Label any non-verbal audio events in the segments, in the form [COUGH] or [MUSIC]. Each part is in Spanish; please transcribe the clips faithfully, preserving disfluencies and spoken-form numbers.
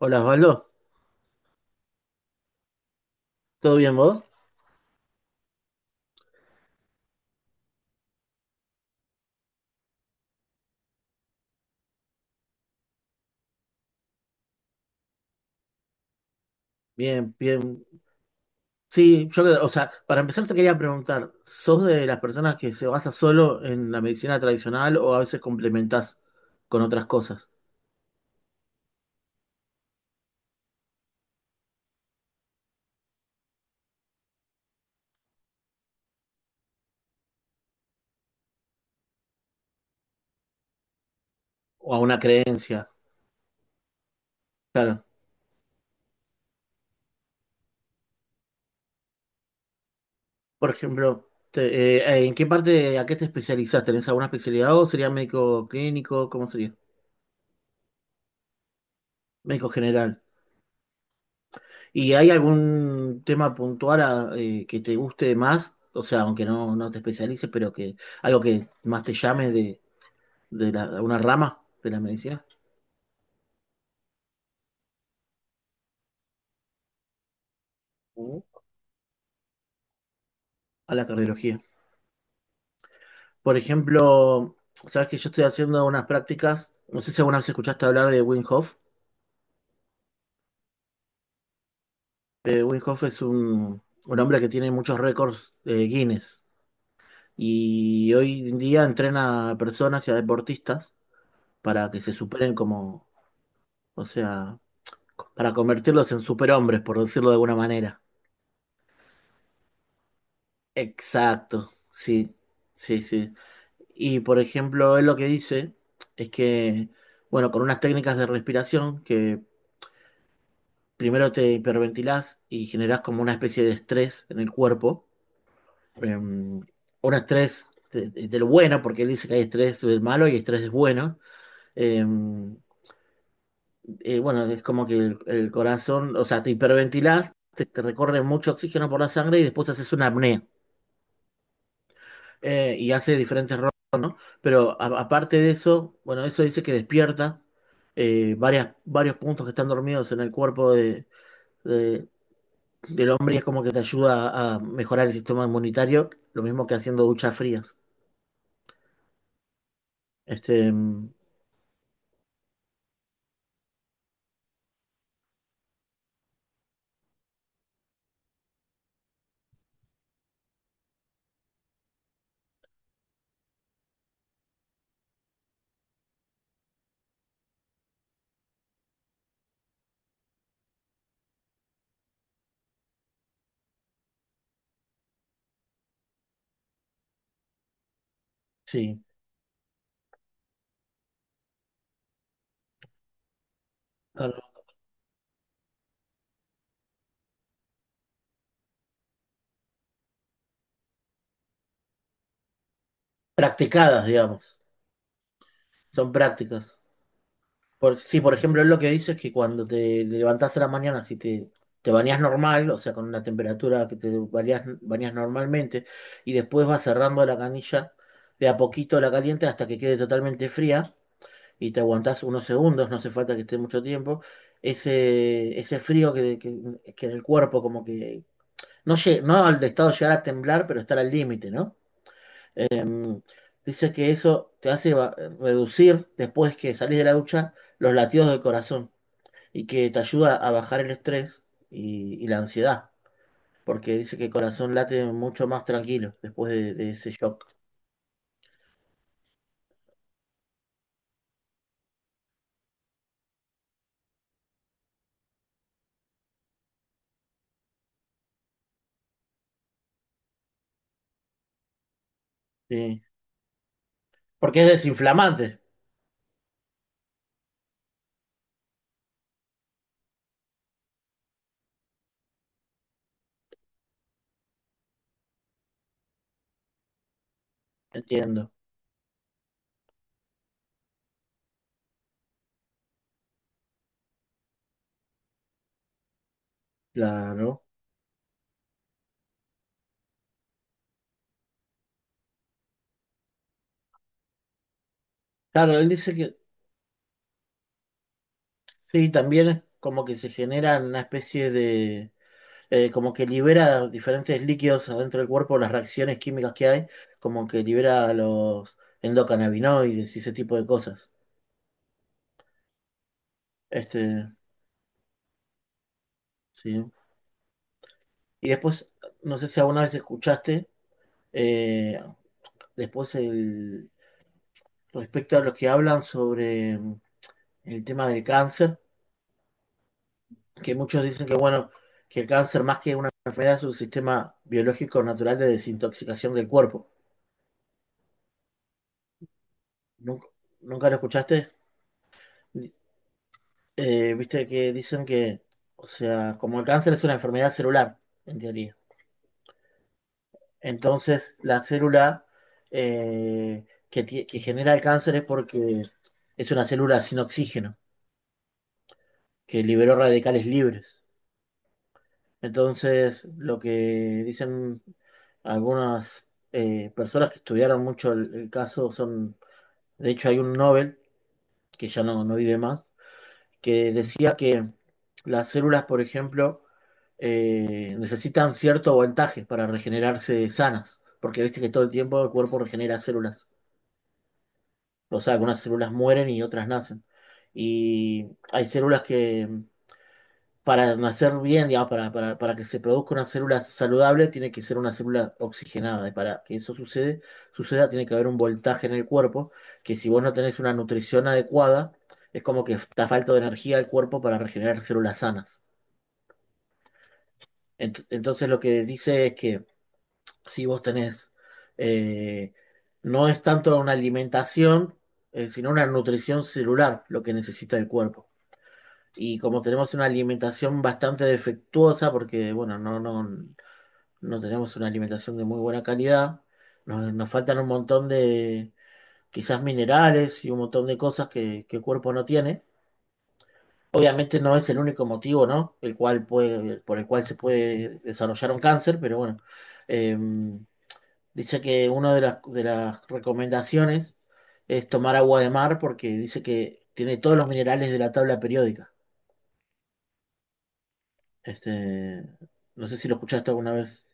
Hola Osvaldo, ¿todo bien vos? Bien, bien. Sí, yo, o sea, para empezar te quería preguntar, ¿sos de las personas que se basa solo en la medicina tradicional o a veces complementás con otras cosas? O a una creencia, claro. Por ejemplo, te- eh, eh, ¿en qué parte, a qué te especializás? ¿Tenés alguna especialidad o sería médico clínico? ¿Cómo sería? Médico general. ¿Y hay algún tema puntual a, eh, que te guste más? O sea, aunque no, no te especialices, pero que algo que más te llame de la- una rama de la medicina. Mm. A la cardiología. Por ejemplo, sabes que yo estoy haciendo unas prácticas, no sé si alguna vez escuchaste hablar de Wim Hof. Eh, Wim Hof es un, un hombre que tiene muchos récords eh, Guinness, y hoy en día entrena a personas y a deportistas para que se superen como, o sea, para convertirlos en superhombres, por decirlo de alguna manera. Exacto, sí, sí, sí. Y por ejemplo, él lo que dice es que, bueno, con unas técnicas de respiración, que primero te hiperventilás y generás como una especie de estrés en el cuerpo, eh, un estrés de, de- de lo bueno, porque él dice que hay estrés del malo y estrés del bueno. Eh, eh, bueno, es como que el, el corazón, o sea, te hiperventilás, te, te recorre mucho oxígeno por la sangre y después haces una apnea. Eh, y hace diferentes. Pero a- aparte de eso, bueno, eso dice que despierta eh, varias, varios puntos que están dormidos en el cuerpo de, de- del hombre y es como que te ayuda a mejorar el sistema inmunitario, lo mismo que haciendo duchas frías. Este, mm, sí. Ah, no. Practicadas, digamos, son prácticas. Por, sí, por ejemplo, él lo que dice es que cuando te levantas a la mañana, si te, te bañas normal, o sea, con una temperatura que te bañas bañás normalmente, y después vas cerrando la canilla, de a poquito la caliente hasta que quede totalmente fría, y te aguantás unos segundos, no hace falta que esté mucho tiempo, ese, ese frío que, que, que en el cuerpo como que... No, lle- no al de estado de llegar a temblar, pero estar al límite, ¿no? Mm. Dice que eso te hace va- reducir, después que salís de la ducha, los latidos del corazón y que te ayuda a bajar el estrés y, y la ansiedad, porque dice que el corazón late mucho más tranquilo después de, de ese shock. Sí. Porque es desinflamante, entiendo. Claro. Claro, él dice que sí, también como que se genera una especie de... eh, Como que libera diferentes líquidos adentro del cuerpo, las reacciones químicas que hay, como que libera los endocannabinoides y ese tipo de cosas. Este, sí. Y después, no sé si alguna vez escuchaste, eh, después, el, respecto a los que hablan sobre mm, el tema del cáncer, que muchos dicen que, bueno, que el cáncer más que una enfermedad es un sistema biológico natural de desintoxicación del cuerpo. ¿Nunca, nunca lo escuchaste? Eh, Viste que dicen que, o sea, como el cáncer es una enfermedad celular, en teoría. Entonces, la célula eh, que, ti- que genera el cáncer es porque es una célula sin oxígeno, que liberó radicales libres. Entonces, lo que dicen algunas eh, personas que estudiaron mucho el, el caso son, de hecho hay un Nobel, que ya no, no vive más, que decía que las células, por ejemplo, eh, necesitan cierto voltaje para regenerarse sanas, porque viste que todo el tiempo el cuerpo regenera células, o sea, algunas células mueren y otras nacen. Y hay células que para nacer bien, digamos, para, para, para que se produzca una célula saludable, tiene que ser una célula oxigenada. Y para que eso sucede, suceda, tiene que haber un voltaje en el cuerpo, que si vos no tenés una nutrición adecuada, es como que está falta de energía al cuerpo para regenerar células sanas. Ent- entonces lo que dice es que si vos tenés, eh, no es tanto una alimentación, eh, sino una nutrición celular lo que necesita el cuerpo, y como tenemos una alimentación bastante defectuosa, porque bueno, no, no, no tenemos una alimentación de muy buena calidad, nos, nos faltan un montón de quizás minerales y un montón de cosas que, que el cuerpo no tiene. Obviamente no es el único motivo, ¿no? El cual puede, por el cual se puede desarrollar un cáncer, pero bueno, eh, dice que una de las, de las recomendaciones es tomar agua de mar porque dice que tiene todos los minerales de la tabla periódica. Este, no sé si lo escuchaste alguna vez.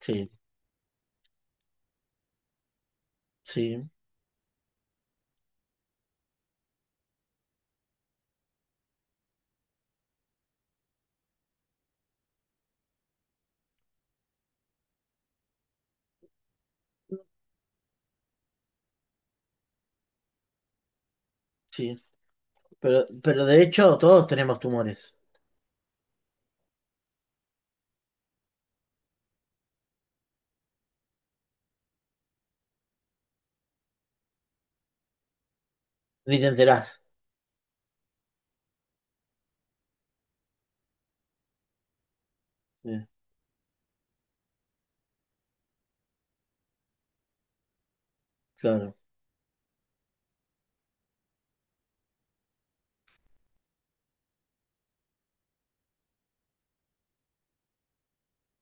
Sí, sí, sí. Pero, pero de hecho todos tenemos tumores. Ni te enterás. Sí, claro.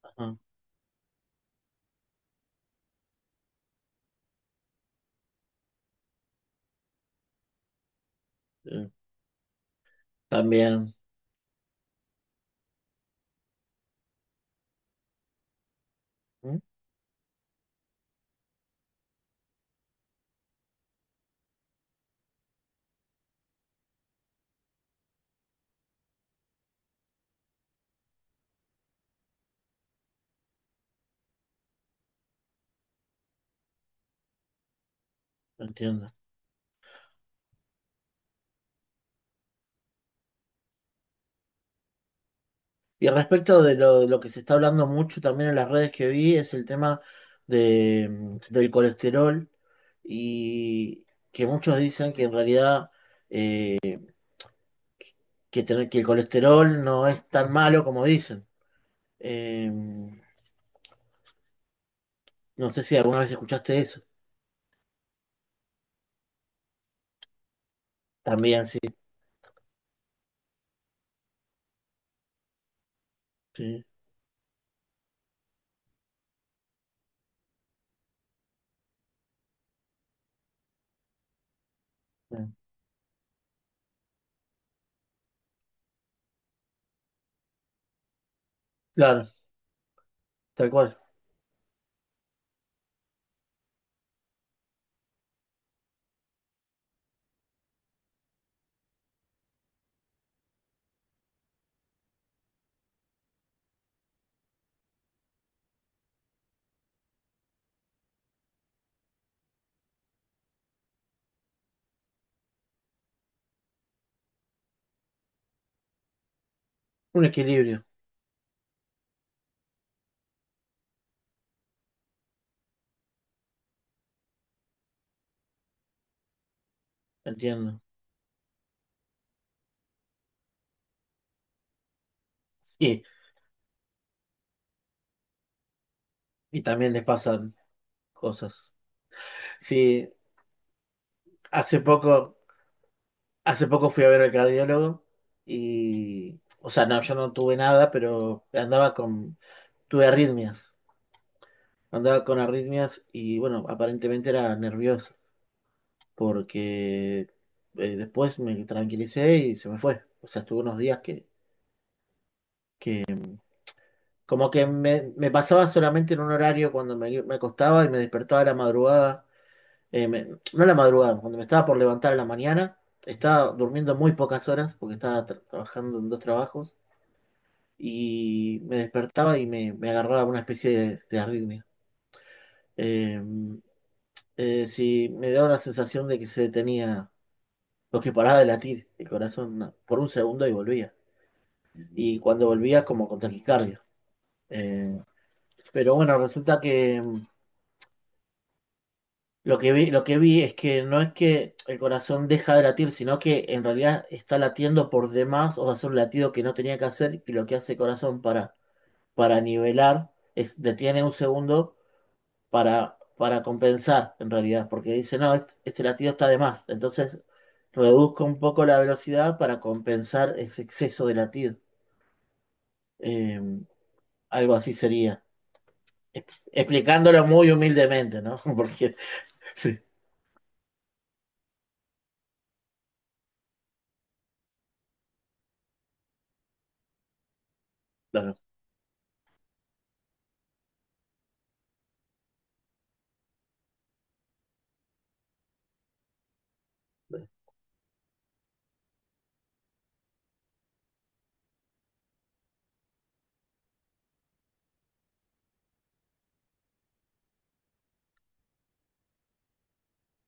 Ajá, sí. También. ¿Mm? No entiendo. Y respecto de lo, de lo que se está hablando mucho también en las redes que vi, es el tema de, mm, del colesterol, y que muchos dicen que en realidad que, tener, que el colesterol no es tan malo como dicen. Eh, no sé si alguna vez escuchaste eso. También, sí, sí. Sí. Claro, tal cual. Un equilibrio, entiendo. Y Y también les pasan cosas. Sí, hace poco, hace poco fui a ver al cardiólogo y, o sea, no, yo no tuve nada, pero andaba con, tuve arritmias. Andaba con arritmias y, bueno, aparentemente era nervioso porque eh, después me tranquilicé y se me fue. O sea, estuve unos días que, como que me, me pasaba solamente en un horario cuando me, me acostaba y me despertaba a la madrugada, eh, me- no a la madrugada, cuando me estaba por levantar en la mañana, estaba durmiendo muy pocas horas porque estaba tra- trabajando en dos trabajos y me despertaba y me, me agarraba una especie de, de arritmia. Eh, eh, sí, me daba la sensación de que se detenía, lo que paraba de latir el corazón na- por un segundo y volvía. Y cuando volvía, como con taquicardia. Eh, pero bueno, resulta que em, Lo que vi, lo que vi es que no es que el corazón deja de latir, sino que en realidad está latiendo por demás, o sea, es un latido que no tenía que hacer, y lo que hace el corazón para, para nivelar es detiene un segundo para, para compensar, en realidad, porque dice, no, este, este latido está de más. Entonces, reduzco un poco la velocidad para compensar ese exceso de latido. Eh, Algo así sería. Ex- Explicándolo muy humildemente, ¿no? [LAUGHS] Porque sí, claro.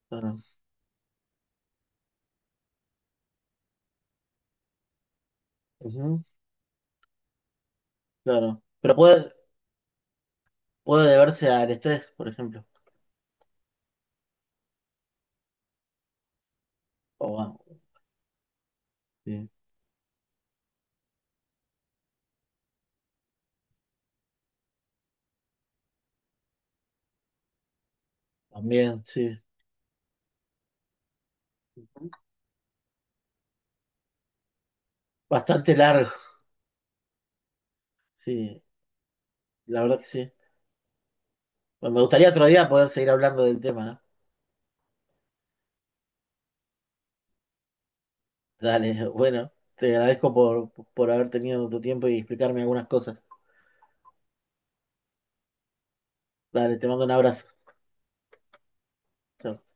Claro. Ujú. Claro. Pero puede, puede deberse al estrés, por ejemplo. O a- sí, también, sí. Bastante largo. Sí, la verdad que sí. Bueno, me gustaría otro día poder seguir hablando del tema, ¿eh? Dale, [LAUGHS] bueno, te agradezco por, por haber tenido tu tiempo y explicarme algunas cosas. Dale, te mando un abrazo. Chao.